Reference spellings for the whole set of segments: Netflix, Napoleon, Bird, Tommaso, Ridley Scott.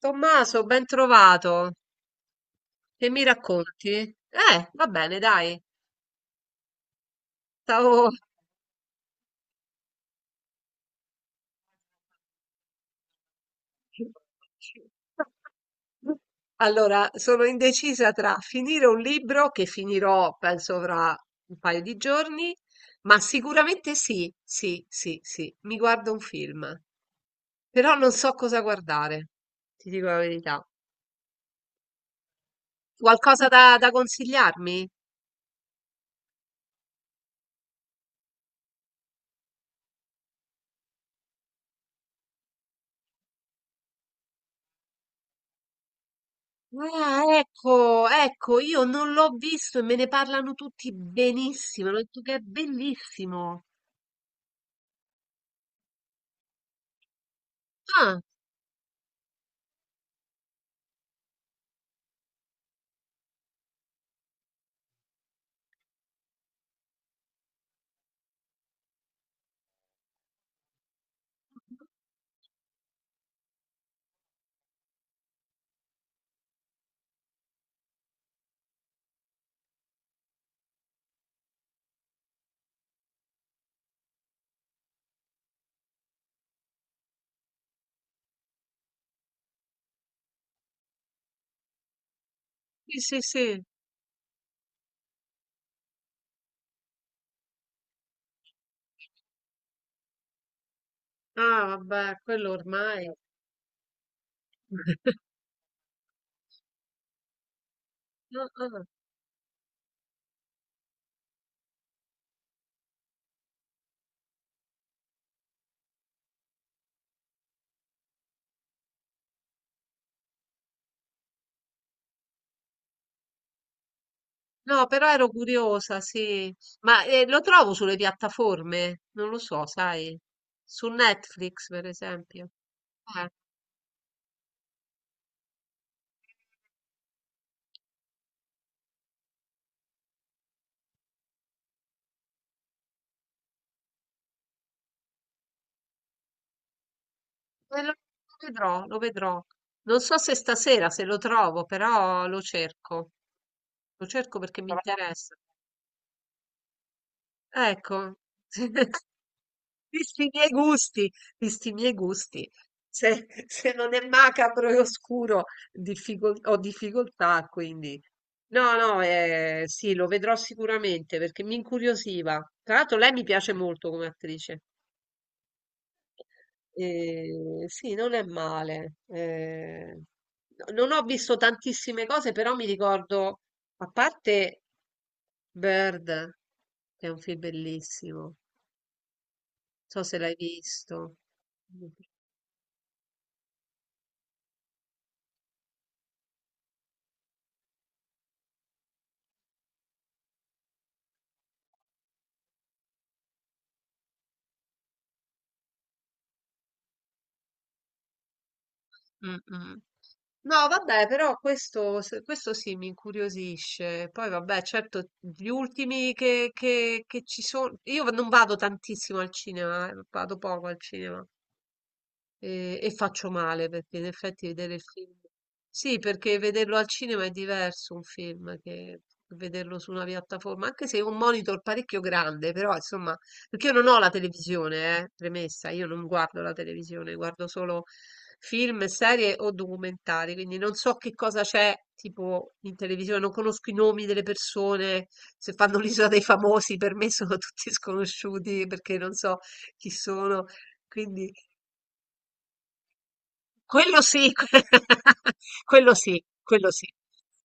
Tommaso, ben trovato. Che mi racconti? Va bene, dai. Stavo... Allora, sono indecisa tra finire un libro che finirò, penso, fra un paio di giorni, ma sicuramente sì, mi guardo un film. Però non so cosa guardare, ti dico la verità. Qualcosa da consigliarmi? Ah, ecco, io non l'ho visto e me ne parlano tutti benissimo. Hanno detto che è bellissimo. Ah, sì, sì, sì. Ah, vabbè, quello ormai. Ah, ah. No, però ero curiosa, sì. Ma lo trovo sulle piattaforme? Non lo so, sai. Su Netflix, per esempio. Eh, lo vedrò, lo vedrò. Non so se stasera, se lo trovo, però lo cerco. Lo cerco perché mi interessa. Ecco, visti i miei gusti, visti i miei gusti, se non è macabro e oscuro difficol ho difficoltà, quindi no, no, sì, lo vedrò sicuramente perché mi incuriosiva. Tra l'altro lei mi piace molto come attrice. Sì, non è male. No, non ho visto tantissime cose, però mi ricordo, a parte Bird, che è un film bellissimo. So se l'hai visto. Mm-mm. No, vabbè, però questo, questo sì mi incuriosisce. Poi, vabbè, certo, gli ultimi che ci sono. Io non vado tantissimo al cinema, vado poco al cinema. E faccio male perché in effetti vedere il film. Sì, perché vederlo al cinema è diverso un film che vederlo su una piattaforma, anche se è un monitor parecchio grande, però insomma, perché io non ho la televisione, premessa, io non guardo la televisione, guardo solo film, serie o documentari, quindi non so che cosa c'è tipo in televisione, non conosco i nomi delle persone, se fanno l'isola dei famosi per me sono tutti sconosciuti perché non so chi sono, quindi quello sì, que quello sì, quello sì.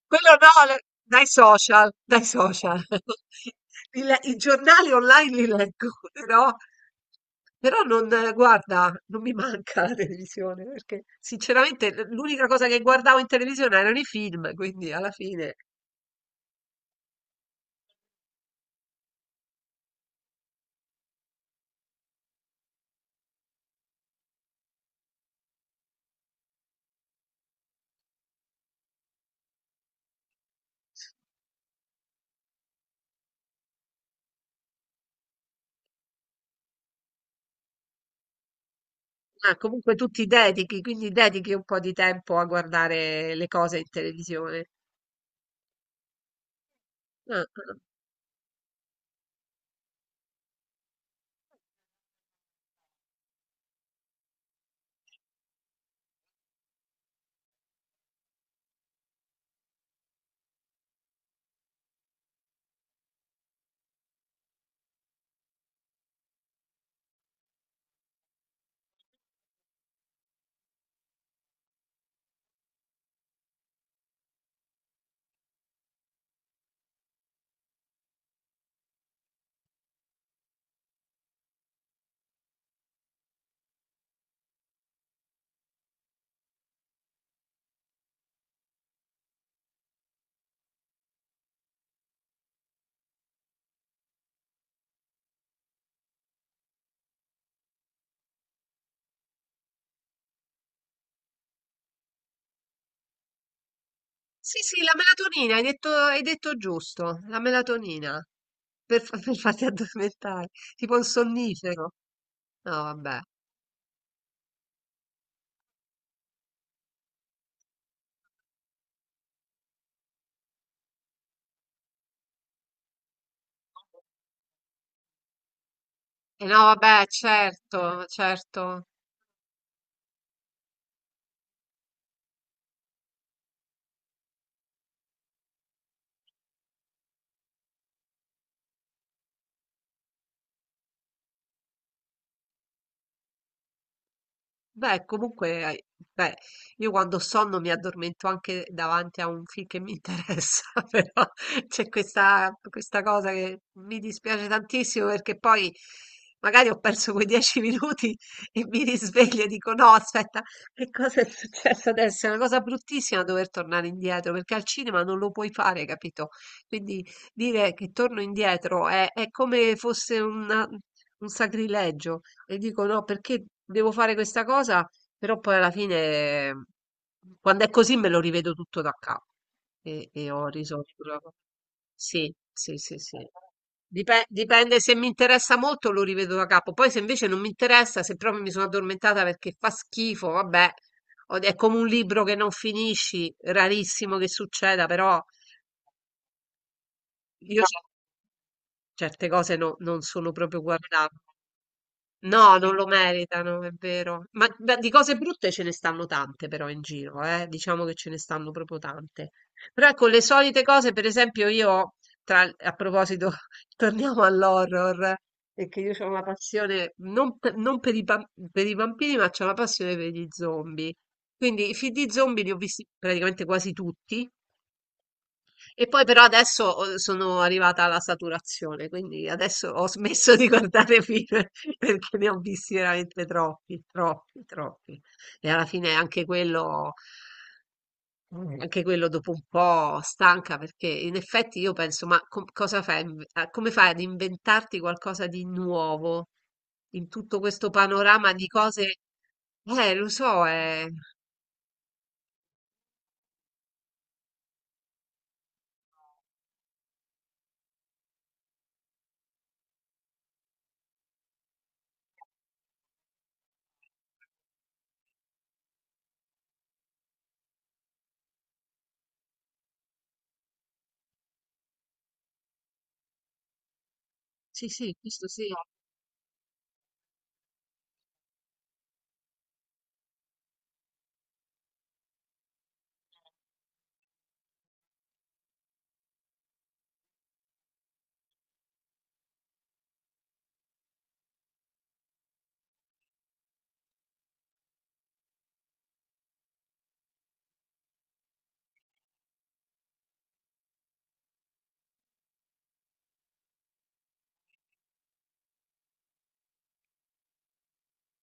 Quello no, l dai social, dai social. Li le I giornali online li leggo, però non guarda, non mi manca la televisione, perché sinceramente l'unica cosa che guardavo in televisione erano i film, quindi alla fine ah, comunque tu ti dedichi, quindi dedichi un po' di tempo a guardare le cose in televisione. Ah, ah. Sì, sì, la melatonina, hai detto giusto, la melatonina. Per farti addormentare, tipo un sonnifero. No, vabbè. E no, vabbè, certo, certo. Beh, comunque, beh, io quando ho sonno mi addormento anche davanti a un film che mi interessa, però c'è questa cosa che mi dispiace tantissimo perché poi magari ho perso quei 10 minuti e mi risveglio e dico no, aspetta, che cosa è successo adesso? È una cosa bruttissima dover tornare indietro perché al cinema non lo puoi fare, capito? Quindi dire che torno indietro è come fosse un sacrilegio e dico no, perché devo fare questa cosa? Però poi alla fine, quando è così, me lo rivedo tutto da capo e ho risolto la cosa. Sì, sì, sì, sì. Dipende se mi interessa molto, lo rivedo da capo. Poi se invece non mi interessa, se proprio mi sono addormentata perché fa schifo, vabbè, è come un libro che non finisci, rarissimo che succeda, però io certe cose non sono proprio guardabili. No, non lo meritano, è vero. Ma di cose brutte ce ne stanno tante però in giro, eh? Diciamo che ce ne stanno proprio tante. Però ecco, le solite cose, per esempio io, a proposito, torniamo all'horror, perché io ho una passione, non per per i bambini, ma c'ho una passione per gli zombie. Quindi i film di zombie li ho visti praticamente quasi tutti, e poi però adesso sono arrivata alla saturazione, quindi adesso ho smesso di guardare film perché ne ho visti veramente troppi, troppi, troppi. E alla fine anche quello, mm, anche quello dopo un po' stanca perché in effetti io penso, ma cosa fai? Come fai ad inventarti qualcosa di nuovo in tutto questo panorama di cose? Lo so, eh. Sì, sì, questo sì,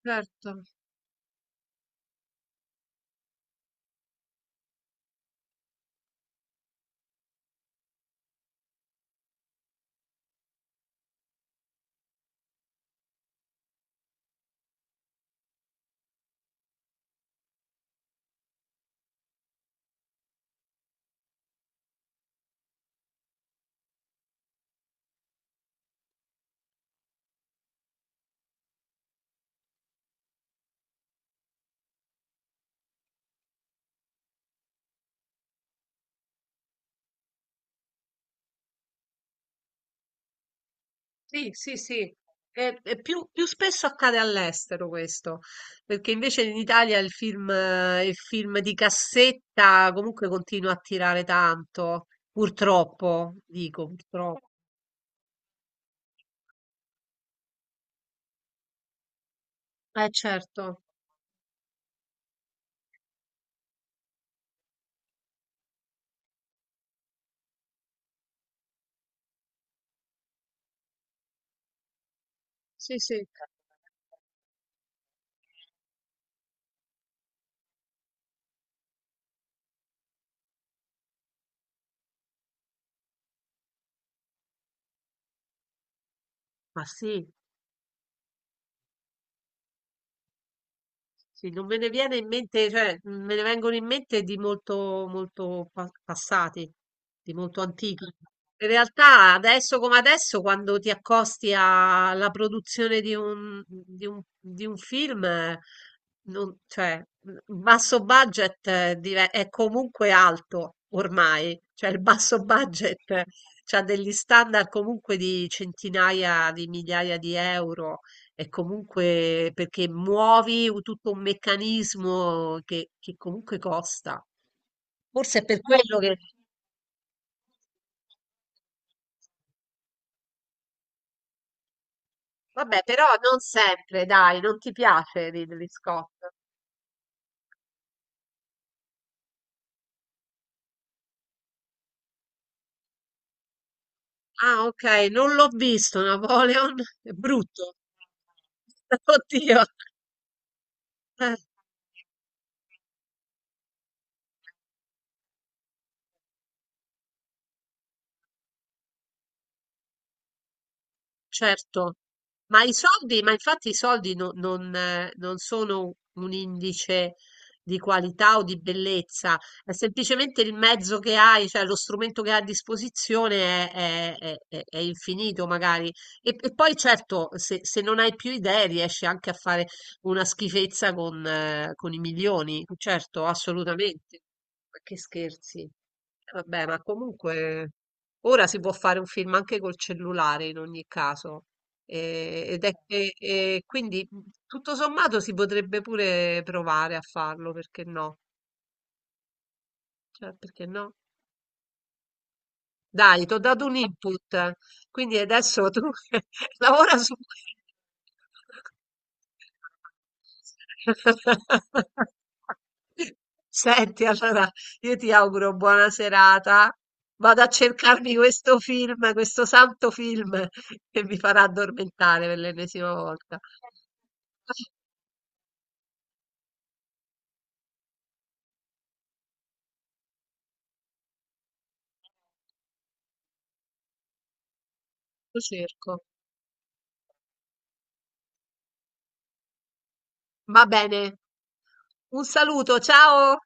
certo. Sì, sì, sì. E più, più spesso accade all'estero questo, perché invece in Italia il film di cassetta comunque continua a tirare tanto, purtroppo, dico purtroppo. Eh certo, sì, sì. Ma sì. Sì, non me ne viene in mente, cioè me ne vengono in mente di molto, molto passati, di molto antichi. In realtà, adesso come adesso, quando ti accosti alla produzione di di un film, cioè, il basso budget è comunque alto ormai, cioè il basso budget ha degli standard comunque di centinaia di migliaia di euro è comunque perché muovi tutto un meccanismo che comunque costa. Forse è per quello che... Vabbè, però non sempre, dai, non ti piace Ridley Scott. Ah, ok, non l'ho visto, Napoleon, è brutto. Oddio. Eh. Certo, ma i soldi, ma infatti i soldi non sono un indice di qualità o di bellezza, è semplicemente il mezzo che hai, cioè lo strumento che hai a disposizione è, è infinito magari. E poi certo, se non hai più idee riesci anche a fare una schifezza con i milioni, certo, assolutamente. Ma che scherzi. Vabbè, ma comunque... Ora si può fare un film anche col cellulare in ogni caso, ed è che e quindi tutto sommato si potrebbe pure provare a farlo, perché no? Cioè, perché no? Dai, ti ho dato un input, quindi adesso tu lavora su Senti, allora io ti auguro buona serata. Vado a cercarmi questo film, questo santo film che mi farà addormentare per l'ennesima volta. Lo cerco. Va bene. Un saluto, ciao!